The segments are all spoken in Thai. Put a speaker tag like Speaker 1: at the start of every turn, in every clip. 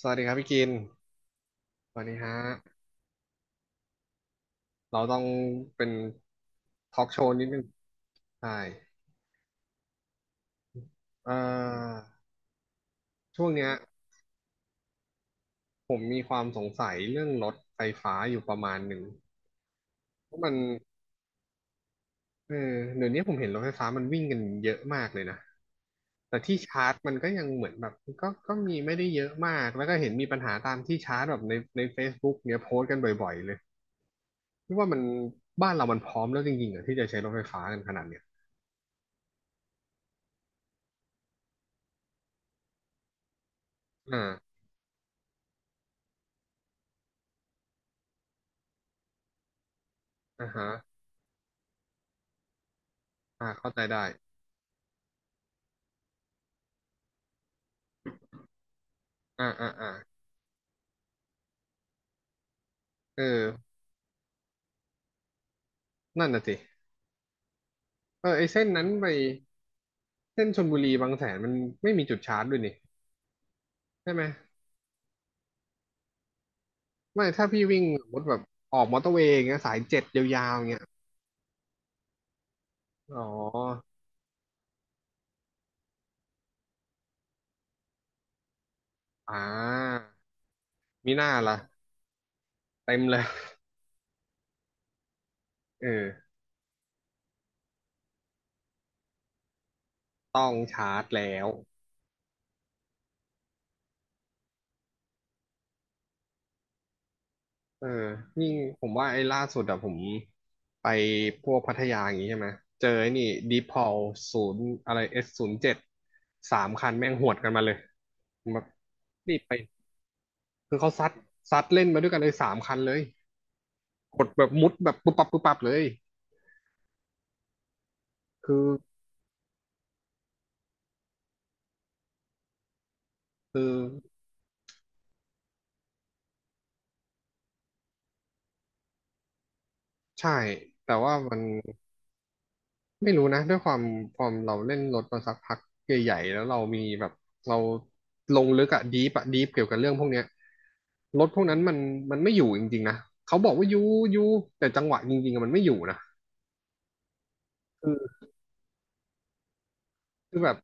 Speaker 1: สวัสดีครับพี่กินสวัสดีฮะเราต้องเป็นทอล์กโชว์นิดนึงใช่เอ่อช่วงเนี้ยผมมีความสงสัยเรื่องรถไฟฟ้าอยู่ประมาณหนึ่งเพราะมันเออเดี๋ยวนี้ผมเห็นรถไฟฟ้ามันวิ่งกันเยอะมากเลยนะแต่ที่ชาร์จมันก็ยังเหมือนแบบก็มีไม่ได้เยอะมากแล้วก็เห็นมีปัญหาตามที่ชาร์จแบบใน Facebook เนี้ยโพสต์กันบ่อยๆเลยคิดว่ามันบ้านเรามันพร้อมแล้วจริงๆเหรอที่จะใช้รถไฟฟ้ากันขนาดเนี้ยอ่าอ่าฮะ อ่าเข้าใจได้อ่าอ่าอ่าเออนั่นน่ะสิเออไอเส้นนั้นไปเส้นชลบุรีบางแสนมันไม่มีจุดชาร์จด้วยนี่ใช่ไหมไม่ถ้าพี่วิ่งสมมติแบบออกมอเตอร์เวย์อย่างเงี้ยสายเจ็ดยาวๆอย่างเงี้ยอ๋ออ่ามีหน้าล่ะเต็มเลยเออต้องชาร์จแล้วเออนี่ผมว่าไอ้ล่าสุดอะผมไปพวกพัทยาอย่างงี้ใช่ไหมเจอไอ้นี่ดีพอลศูนย์อะไรเอสศูนย์เจ็ดสามคันแม่งหวดกันมาเลยผมแบบรีบไป คือเขาซัดเล่นมาด้วยกันเลยสามคันเลยกดแบบมุดแบบปุ๊บปับปุ๊บปับเลยคือคือ ใช่ แต่ว่ามันไม่รู้นะด้วยความความเราเล่นรถมาสักพักใหญ่ๆแล้วเรามีแบบเราลงลึกอะดีปเกี่ยวกับเรื่องพวกเนี้ยรถพวกนั้นมันมันไม่อยู่จริงๆนะเขาบอกว่าอยู่แต่จังหวะจริงๆอะมันไม่อยู่นะคือคือแบบ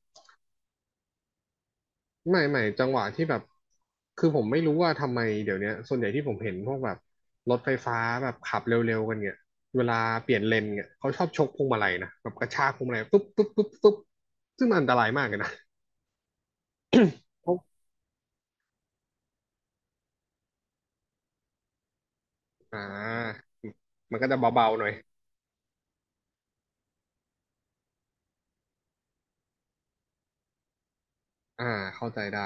Speaker 1: ไม่จังหวะที่แบบคือผมไม่รู้ว่าทำไมเดี๋ยวเนี้ยส่วนใหญ่ที่ผมเห็นพวกแบบรถไฟฟ้าแบบขับเร็วๆกันเนี่ยเวลาเปลี่ยนเลนเนี่ยเขาชอบชกพวงมาลัยนะแบบกระชากพวงมาลัยปุ๊บปุ๊บปุ๊บปุ๊บซึ่งมันอันตรายมากเลยนะเขาอ่ามันก็จะเบาๆหน่อยอ่าเข้าใจได้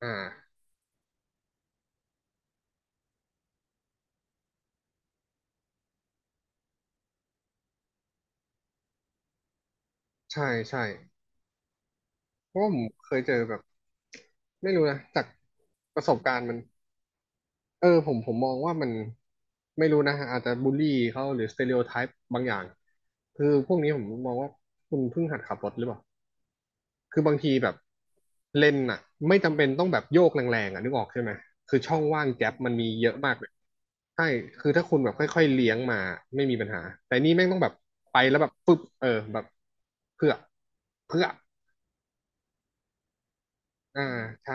Speaker 1: อ่าใช่ใช่เพราะว่าผมเคยเจอแบบไม่รู้นะจากประสบการณ์มัน เออผมมองว่ามันไม่รู้นะฮะอาจจะบูลลี่เขาหรือสเต r e o โอไทป์บางอย่างคือพวกนี้ผมมองว่าคุณเพิ่งหัดขับรถหรือเปล่าคือบางทีแบบเลนน่ะไม่จำเป็นต้องแบบโยกแรงๆอ่ะนึกออกใช่ไหมคือช่องว่างแก๊ปมันมีเยอะมากเลยใช่คือถ้าคุณแบบค่อยๆเลี้ยงมาไม่มีปัญหาแต่นี่แม่งต้องแบบไปแล้วแบบปึ๊บเออแบบเพื่อเพื่ออ่าใช่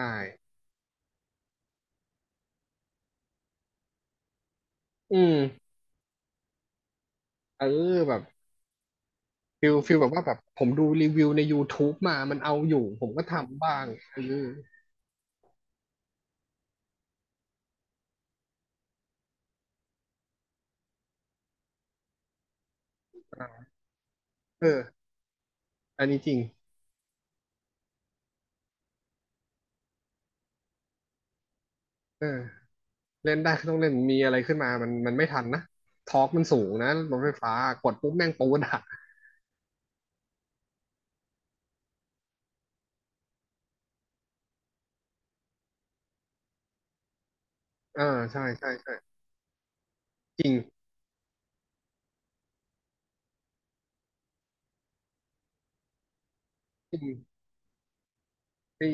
Speaker 1: อืมเออแบบ ฟิลแบบว่าแบบผมดูรีวิวใน YouTube มามันเอาอยู่ผมก็ทำบ้างเออเอออันนี้จริงเออเล่นได้ก็ต้องเล่นมีอะไรขึ้นมามันไม่ทันนะทอร์กมันสูงนะรถไฟฟ้ากดปุ๊บแม่งปูดอ่ะเออใช่จริงจริงไอ้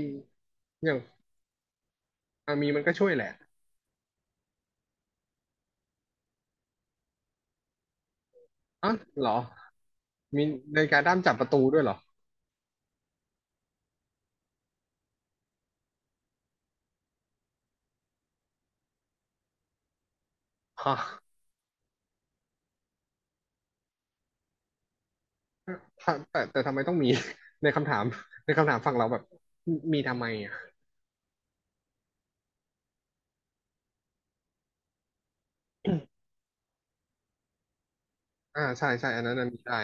Speaker 1: อย่างอ่มีมันก็ช่วยแหละอ๋อเหรอมีในาฬิการด้ามจับประตูด้วยเหรอฮะถ้าแต่ทำไมต้องมี ในคำถามในคำถามฝั่งเราแบบมีทำไมอ่ะอ่าใช่ใช่อันนั้นน่ะมีได้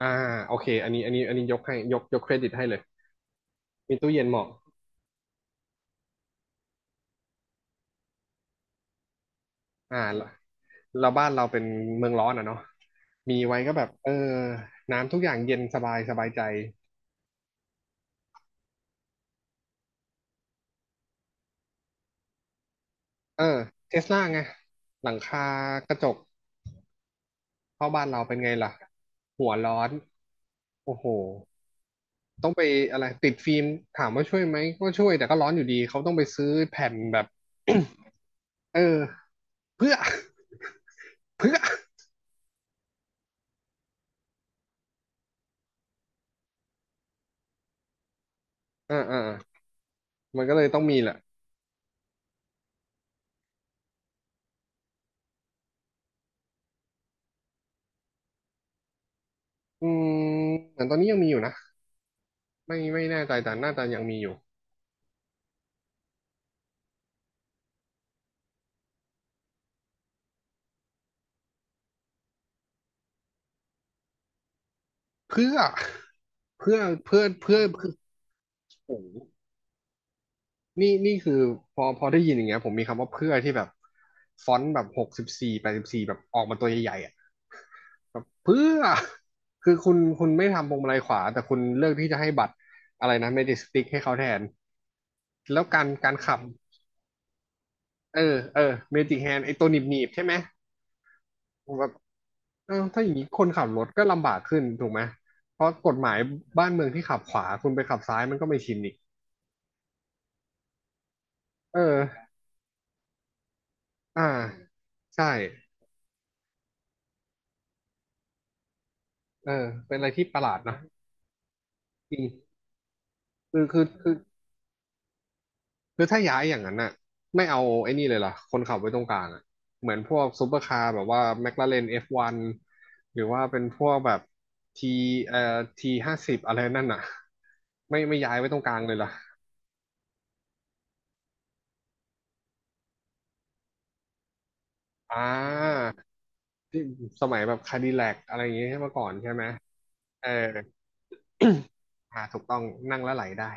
Speaker 1: อ่าโอเคอันนี้ยกยกเครดิตให้เลยมีตู้เย็นเหมาะอ่าเราบ้านเราเป็นเมืองร้อนอ่ะเนาะมีไว้ก็แบบเออน้ำทุกอย่างเย็นสบายสบายใจเออเทสลาไงหลังคากระจกเข้าบ้านเราเป็นไงล่ะหัวร้อนโอ้โหต้องไปอะไรติดฟิล์มถามว่าช่วยไหมก็ช่วยแต่ก็ร้อนอยู่ดีเขาต้องไปซื้อแผ่นแบบ เออเพื่อ เพื่อ อ่าอ่ามันก็เลยต้องมีแหละอืมเหมือนตอนนี้ยังมีอยู่นะ ไม่ไม่แน่ใจแต่น่าจะยังมีอยู่เพื่อเพื่อเพื่อโอ้โหนี่นี่คือพอพอได้ยินอย่างเงี้ยผมมีคำว่าเพื่อที่แบบฟอนต์แบบ6484แบบออกมาตัวใหญ่ๆอ่ะแบบเพื่อคือคุณไม่ทำพวงมาลัยขวาแต่คุณเลือกที่จะให้บัตรอะไรนะเมจิกสติ๊กให้เขาแทนแล้วการขับเออเมจิกแฮนไอตัวหนีบๆใช่ไหม อ้าวถ้าอย่างนี้คนขับรถก็ลำบากขึ้นถูกไหม เพราะกฎหมายบ้านเมืองที่ขับขวาคุณไปขับซ้ายมันก็ไม่ชินอีก เออ อ่า ใช่เออเป็นอะไรที่ประหลาดนะจริง คือคือคือคือถ้าย้ายอย่างนั้นน่ะไม่เอาไอ้นี่เลยล่ะคนขับไว้ตรงกลางอ่ะเหมือนพวกซูเปอร์คาร์แบบว่าแมคลาเรน F1 หรือว่าเป็นพวกแบบทีเอ่อที 50อะไรนั่นน่ะไม่ย้ายไว้ตรงกลางเลยล่ะอ่าที่สมัยแบบคาดิแลกอะไรอย่างเงี้ยเมื่อก่อนใช่ไหม เอออ่าถูกต้องนั่งแล้วไหลได้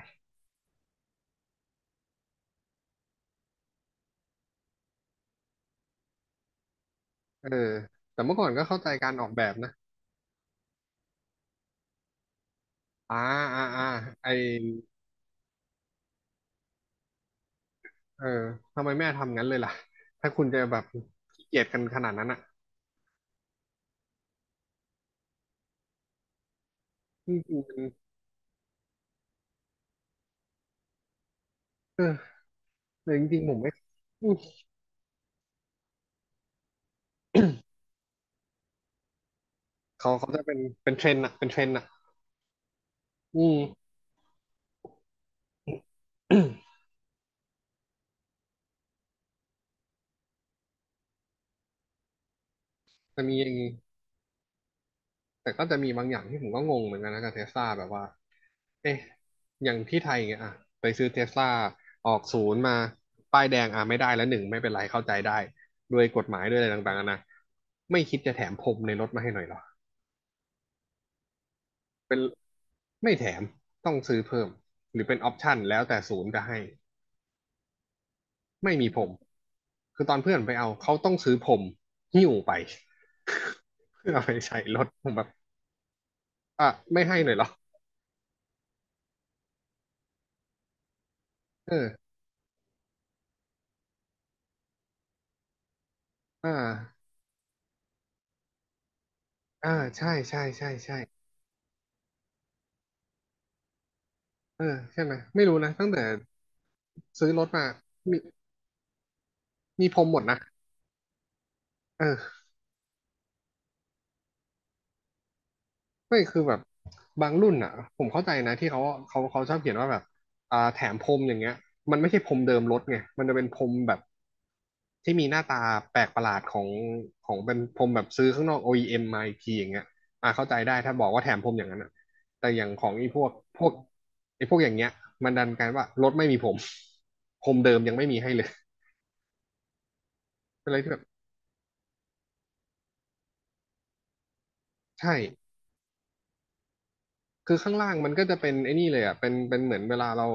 Speaker 1: เออแต่เมื่อก่อนก็เข้าใจการออกแบบนะอ่าอ่าอ่าไอเออทำไมแม่ทำงั้นเลยล่ะถ้าคุณจะแบบขี้เกียจกันขนาดนั้นอ่ะจริงๆมันเออแต่จริงๆผมไม่อืมเขาจะเป็นเทรนด์อ่ะเป็นเทรนด์อ่ะอืม จะมีอย่างนี้แต่ก็จะมีบางอย่างที่ผมก็งงเหมือนกันนะกับเทสลาแบบว่า เอ๊ะอย่างที่ไทยเงี้ยอ่ะไปซื้อเทสลาออกศูนย์มาป้ายแดงอ่ะไม่ได้แล้วหนึ่งไม่เป็นไรเข้าใจได้ด้วยกฎหมายด้วยอะไรต่างๆนะไม่คิดจะแถมพรมในรถมาให้หน่อยเหรอเป็นไม่แถม ต้องซื้อเพิ่ม หรือเป็นออปชั่นแล้วแต่ศูนย์จะให้ ไม่มีพรมคือตอนเพื่อนไปเอา เขาต้องซื้อพรมหิ้วไป เพื่อเอาไปใส่รถผมแบบอ่ะไม่ให้หน่อยเหรอเอออ่าอ่าใช่ใช่ใช่ใช่ เออใช่ไหมไม่รู้นะตั้งแต่ซื้อรถมามีมีพรมหมดนะเออไม่คือแบบบางรุ่นอ่ะผมเข้าใจนะที่เขาเขาชอบเขียนว่าแบบอ่าแถมพรมอย่างเงี้ยมันไม่ใช่พรมเดิมรถไงมันจะเป็นพรมแบบที่มีหน้าตาแปลกประหลาดของของเป็นพรมแบบซื้อข้างนอก OEM มมาอีกทีอย่างเงี้ยอ่าเข้าใจได้ถ้าบอกว่าแถมพรมอย่างนั้นอ่ะแต่อย่างของไอ้พวกพวกไอ้พวกอย่างเงี้ยมันดันกันว่ารถไม่มีพรมพรมเดิมยังไม่มีให้เลยเป็นอะไรที่แบบใช่ คือข้างล่างมันก็จะเป็นไอ้นี่เลยอ่ะเป็นเหมือนเวลาเรา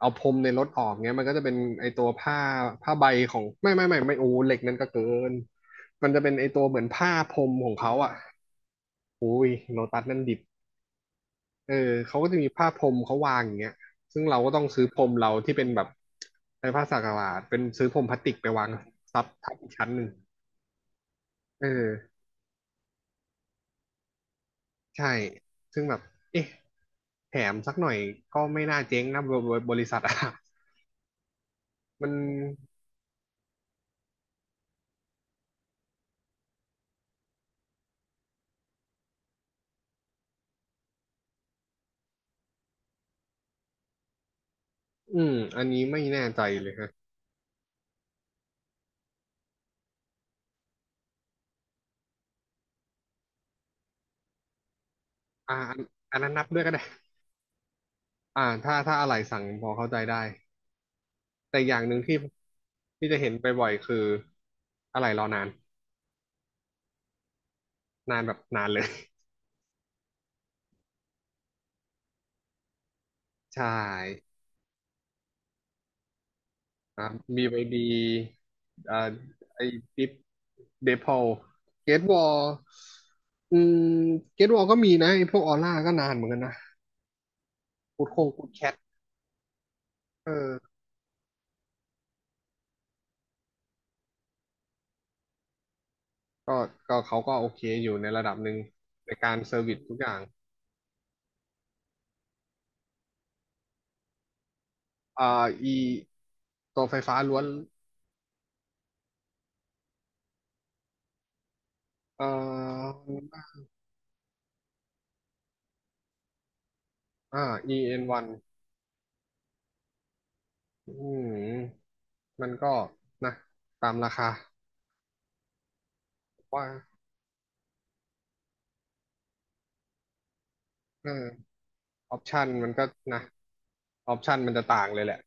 Speaker 1: เอาพรมในรถออกเงี้ยมันก็จะเป็นไอ้ตัวผ้าผ้าใบของไม่โอ้เหล็กนั่นก็เกินมันจะเป็นไอ้ตัวเหมือนผ้าพรมของเขาอ่ะอุ้ยโลตัสนั่นดิบเออเขาก็จะมีผ้าพรมเขาวางอย่างเงี้ยซึ่งเราก็ต้องซื้อพรมเราที่เป็นแบบไอ้ผ้าสักหลาดเป็นซื้อพรมพลาสติกไปวางซับทับอีกชั้นหนึ่งเออใช่ซึ่งแบบเอ๊ะแถมสักหน่อยก็ไม่น่าเจ๊งนะบริษัทอะ มันอืมอันนี้ไม่แน่ใจเลยฮะอ่าอันนั้นนับด้วยก็ได้อ่าถ้าอะไรสั่งพอเข้าใจได้ แต่อย่างหนึ่งที่ที่จะเห็นไปบ่อยๆคือ อะไรรอนาน นานแบบนานเลย ใช่ครับบีวายดีอ่าไอดิฟเดพอลเกตวอลอืมเกตวอลก็มีนะไอพวกออร่าก็นานเหมือนกันนะกูดคงกูดแคทเออก็ก็เขาก็โอเคอยู่ในระดับหนึ่งในการเซอร์วิสทุกอย่าง อ่า E ตัวไฟฟ้าล้วนเอ่ออ่า EN1 อนวันอืมมันก็นะตามราคาว่าเออออปชันมันก็นะออปชันมันจะต่างเลยแหละ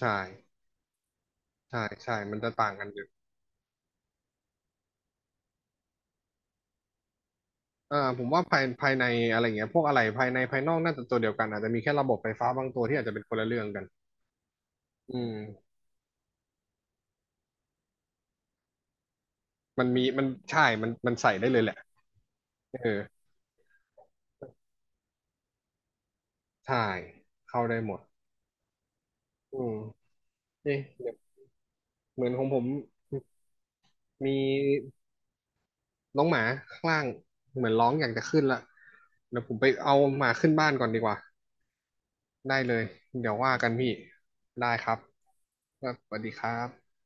Speaker 1: ใช่ใช่ใช่มันจะต่างกันอยู่อ่าผมว่าภายในอะไรเงี้ยพวกอะไรภายในภายนอกน่าจะตัวเดียวกันอาจจะมีแค่ระบบไฟฟ้าบางตัวที่อาจจะเป็นคนละเรื่องกันอืมมันมีมันใช่มันใส่ได้เลยแหละเออใช่เข้าได้หมดอืมเอ๊ะเดี๋ยวเหมือนของผม มีน้องหมาข้างล่างเหมือนร้องอยากจะขึ้นละเดี๋ยวผมไปเอาหมาขึ้นบ้านก่อนดีกว่าได้เลยเดี๋ยวว่ากันพี่ได้ครับครับสวัสดีครับ